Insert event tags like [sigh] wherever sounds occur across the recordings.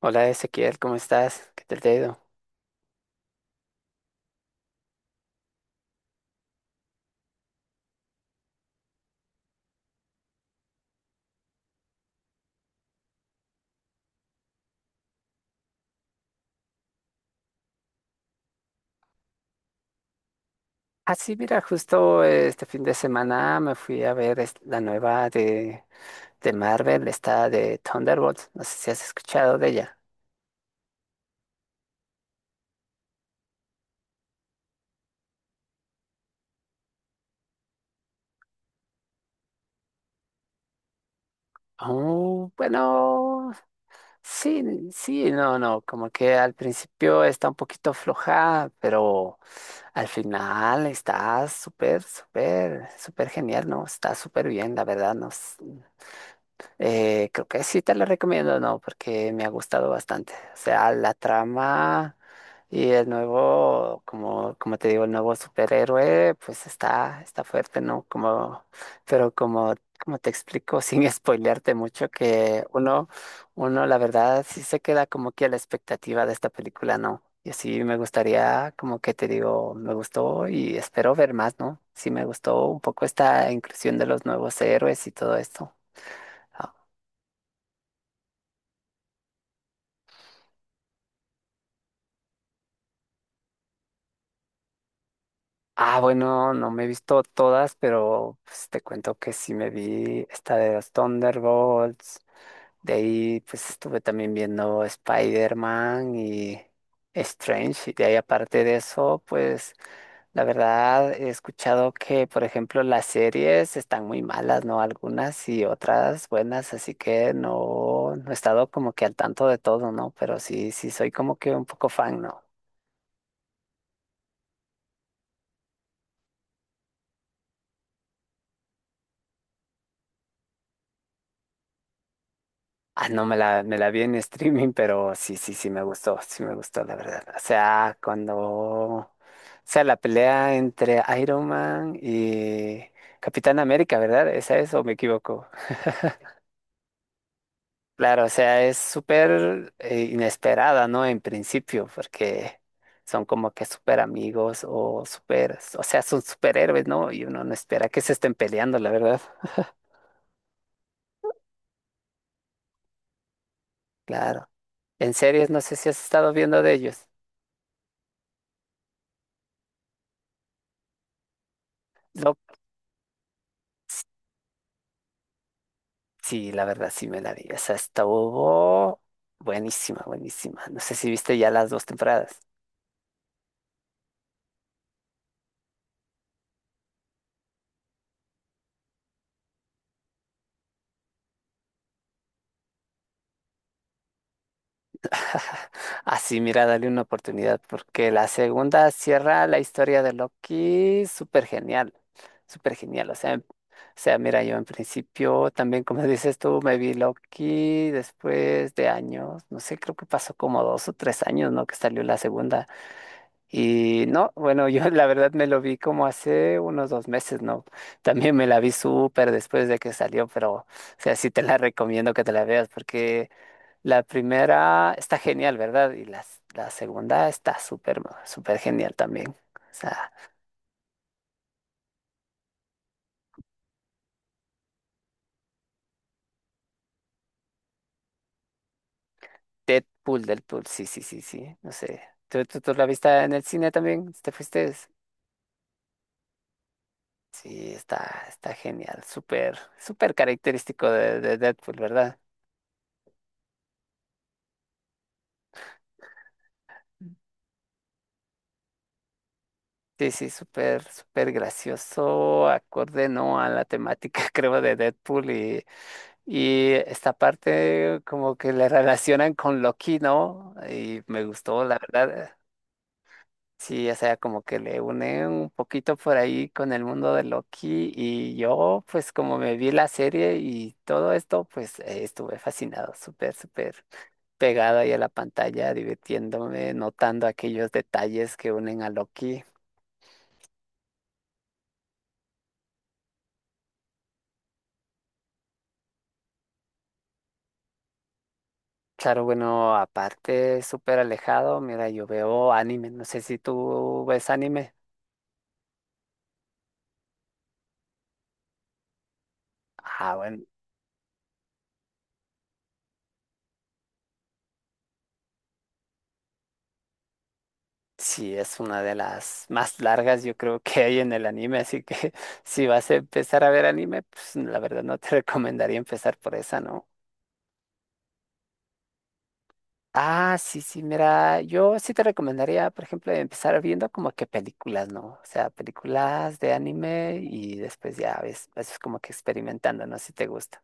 Hola Ezequiel, ¿cómo estás? ¿Qué tal te ha ido? Ah, sí, mira, justo este fin de semana me fui a ver la nueva de Marvel, esta de Thunderbolts. No sé si has escuchado de ella. Oh, bueno, sí, sí, no, no, como que al principio está un poquito floja, pero al final está súper, súper, súper genial, ¿no? Está súper bien, la verdad, no, creo que sí te la recomiendo, ¿no? Porque me ha gustado bastante. O sea, la trama y el nuevo, como, como te digo, el nuevo superhéroe, pues está, está fuerte, ¿no? Como, pero como, como te explico, [laughs] sin spoilearte mucho, que uno, la verdad, sí se queda como que a la expectativa de esta película, ¿no? Y así me gustaría, como que te digo, me gustó y espero ver más, ¿no? Sí me gustó un poco esta inclusión de los nuevos héroes y todo esto. Ah, bueno, no me he visto todas, pero pues, te cuento que sí me vi esta de los Thunderbolts. De ahí, pues estuve también viendo Spider-Man y Strange. Y de ahí, aparte de eso, pues la verdad he escuchado que, por ejemplo, las series están muy malas, ¿no? Algunas y otras buenas, así que no, no he estado como que al tanto de todo, ¿no? Pero sí, sí soy como que un poco fan, ¿no? Ah, no, me la vi en streaming, pero sí, sí, sí me gustó, la verdad. O sea, cuando, o sea, la pelea entre Iron Man y Capitán América, ¿verdad? ¿Esa es o me equivoco? Claro, o sea, es súper inesperada, ¿no? En principio, porque son como que súper amigos o súper, o sea, son superhéroes, ¿no? Y uno no espera que se estén peleando, la verdad. Claro. En series, no sé si has estado viendo de ellos. No. Sí, la verdad sí me la vi. Esa estuvo buenísima, buenísima. No sé si viste ya las dos temporadas. [laughs] Así, mira, dale una oportunidad porque la segunda cierra la historia de Loki súper genial, súper genial. O sea, o sea, mira, yo en principio también, como dices tú, me vi Loki después de años, no sé, creo que pasó como dos o tres años, ¿no? Que salió la segunda. Y no, bueno, yo [laughs] la verdad me lo vi como hace unos dos meses, ¿no? También me la vi súper después de que salió, pero, o sea, sí te la recomiendo que te la veas porque la primera está genial, ¿verdad? Y la segunda está súper, súper genial también. O sea, Deadpool, Deadpool, sí, sí, sí, sí, no sé. ¿Tú la viste en el cine también? ¿Te fuiste? Sí, está, está genial, súper, súper característico de Deadpool, ¿verdad? Sí, sí, súper, súper gracioso, acorde, ¿no? A la temática, [laughs] creo, de Deadpool y esta parte como que le relacionan con Loki, ¿no? Y me gustó, la verdad. Sí, o sea, como que le une un poquito por ahí con el mundo de Loki y yo, pues como me vi la serie y todo esto, pues estuve fascinado, súper, súper pegado ahí a la pantalla, divirtiéndome, notando aquellos detalles que unen a Loki. Claro, bueno, aparte súper alejado, mira, yo veo anime, no sé si tú ves anime. Ah, bueno, sí, es una de las más largas yo creo que hay en el anime, así que [laughs] si vas a empezar a ver anime, pues la verdad no te [laughs] recomendaría empezar por esa, ¿no? Ah, sí, sí, mira, yo sí te recomendaría, por ejemplo, empezar viendo como que películas, ¿no? O sea, películas de anime y después ya ves, es como que experimentando, ¿no? Si te gusta.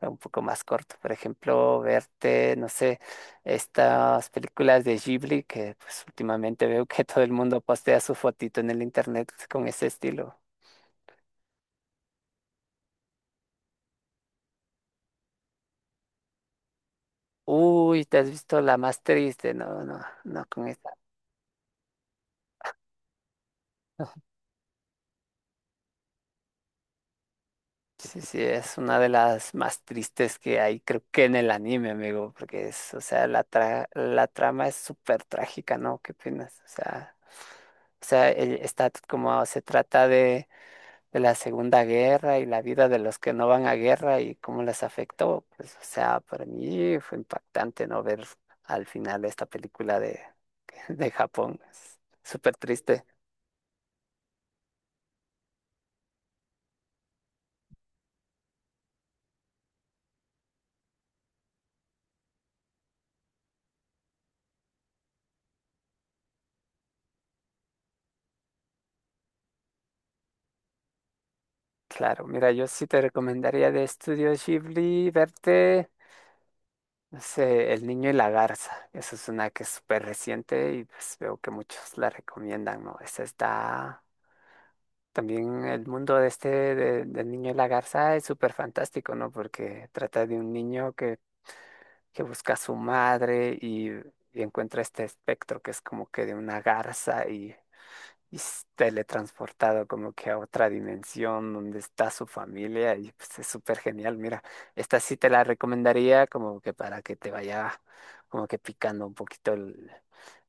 Un poco más corto. Por ejemplo, verte, no sé, estas películas de Ghibli que pues últimamente veo que [laughs] todo el mundo postea su fotito en el internet con ese estilo. Uy, te has visto la más triste, no, no, no con esta. Sí, sí, es una de las más tristes que hay, creo que en el anime, amigo, porque es, o sea, la trama es súper trágica, ¿no? ¿Qué opinas? O sea, está como se trata de la Segunda Guerra y la vida de los que no van a guerra y cómo les afectó. Pues, o sea, para mí fue impactante no ver al final esta película de, [laughs] de Japón. Es súper triste. Claro, mira, yo sí te recomendaría de Estudio Ghibli verte, no sé, El Niño y la Garza. Esa es una que es súper reciente y pues veo que muchos la recomiendan, ¿no? Esa está... También el mundo de este del niño y la garza es súper fantástico, ¿no? Porque trata de un niño que busca a su madre y encuentra este espectro que es como que de una garza y es teletransportado como que a otra dimensión donde está su familia y pues es súper genial. Mira, esta sí te la recomendaría como que para que te vaya como que picando un poquito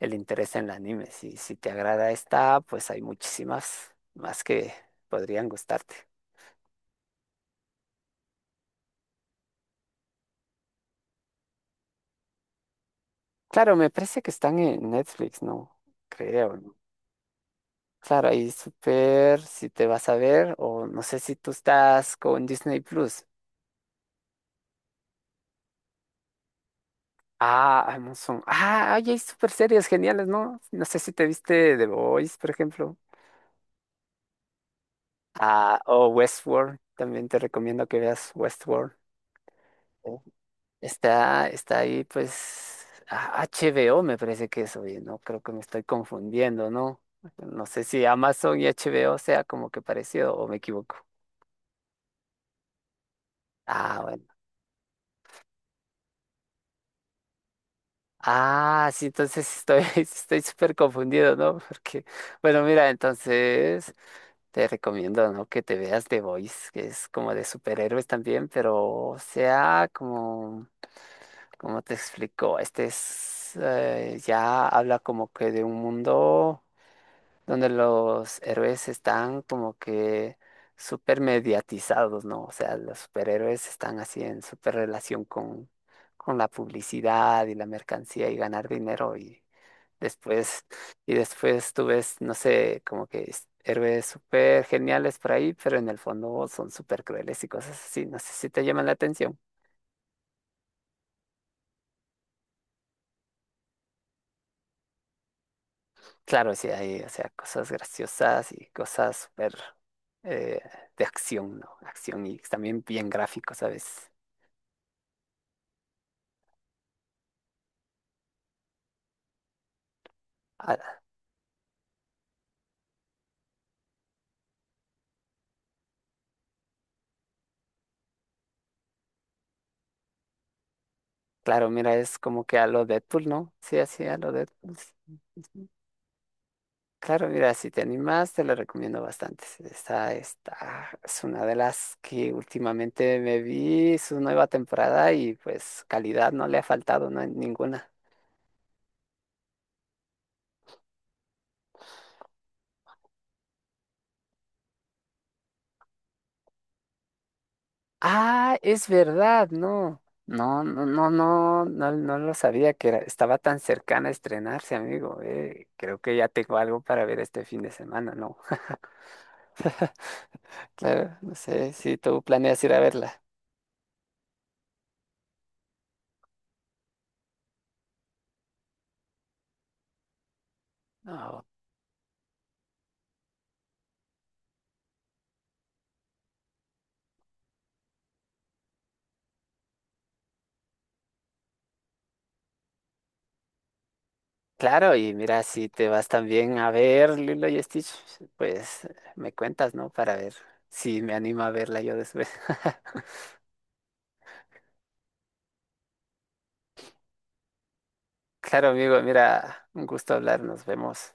el interés en el anime. Si, si te agrada esta, pues hay muchísimas más que podrían gustarte. Claro, me parece que están en Netflix, ¿no? Creo. Claro, ahí súper, si te vas a ver, o no sé si tú estás con Disney Plus. Ah, Amazon. Ah, ay, hay súper series geniales, ¿no? No sé si te viste The Boys, por ejemplo. Ah, o Westworld. También te recomiendo que veas Westworld. Oh. Está, está ahí, pues, ah, HBO me parece que es, oye, no creo que me estoy confundiendo, ¿no? No sé si Amazon y HBO sea como que parecido o me equivoco. Ah, bueno. Ah, sí, entonces sí estoy, [laughs] estoy súper confundido, ¿no? Porque, bueno, mira, entonces te recomiendo, ¿no? Que te veas The Voice, que es como de superhéroes también, pero sea como, como te explico, este es, ya habla como que de un mundo donde los héroes están como que súper mediatizados, ¿no? O sea, los superhéroes están así en súper relación con la publicidad y la mercancía y ganar dinero después, y después tú ves, no sé, como que héroes súper geniales por ahí, pero en el fondo son súper crueles y cosas así. No sé si te llaman la atención. Claro, sí, hay, o sea, cosas graciosas y cosas súper eh, de acción, ¿no? Acción y también bien gráfico, ¿sabes? Ah, claro, mira, es como que a lo Deadpool, ¿no? Sí, así a lo Deadpool. Sí. Ujú. Claro, mira, si te animas, te lo recomiendo bastante. Esta es una de las que últimamente me vi, su nueva temporada y pues calidad no le ha faltado, ¿no? En ninguna. Ah, es verdad, no. No, no, no, no, no, no lo sabía que estaba tan cercana a estrenarse, amigo. Eh, creo que ya tengo algo para ver este fin de semana, ¿no? [laughs] Claro, no sé si tú planeas ir a verla. No, claro, y mira, si te vas también a ver Lilo y Stitch, pues me cuentas, ¿no? Para ver si me animo a verla yo después. [laughs] Claro, amigo, mira, un gusto hablar, nos vemos.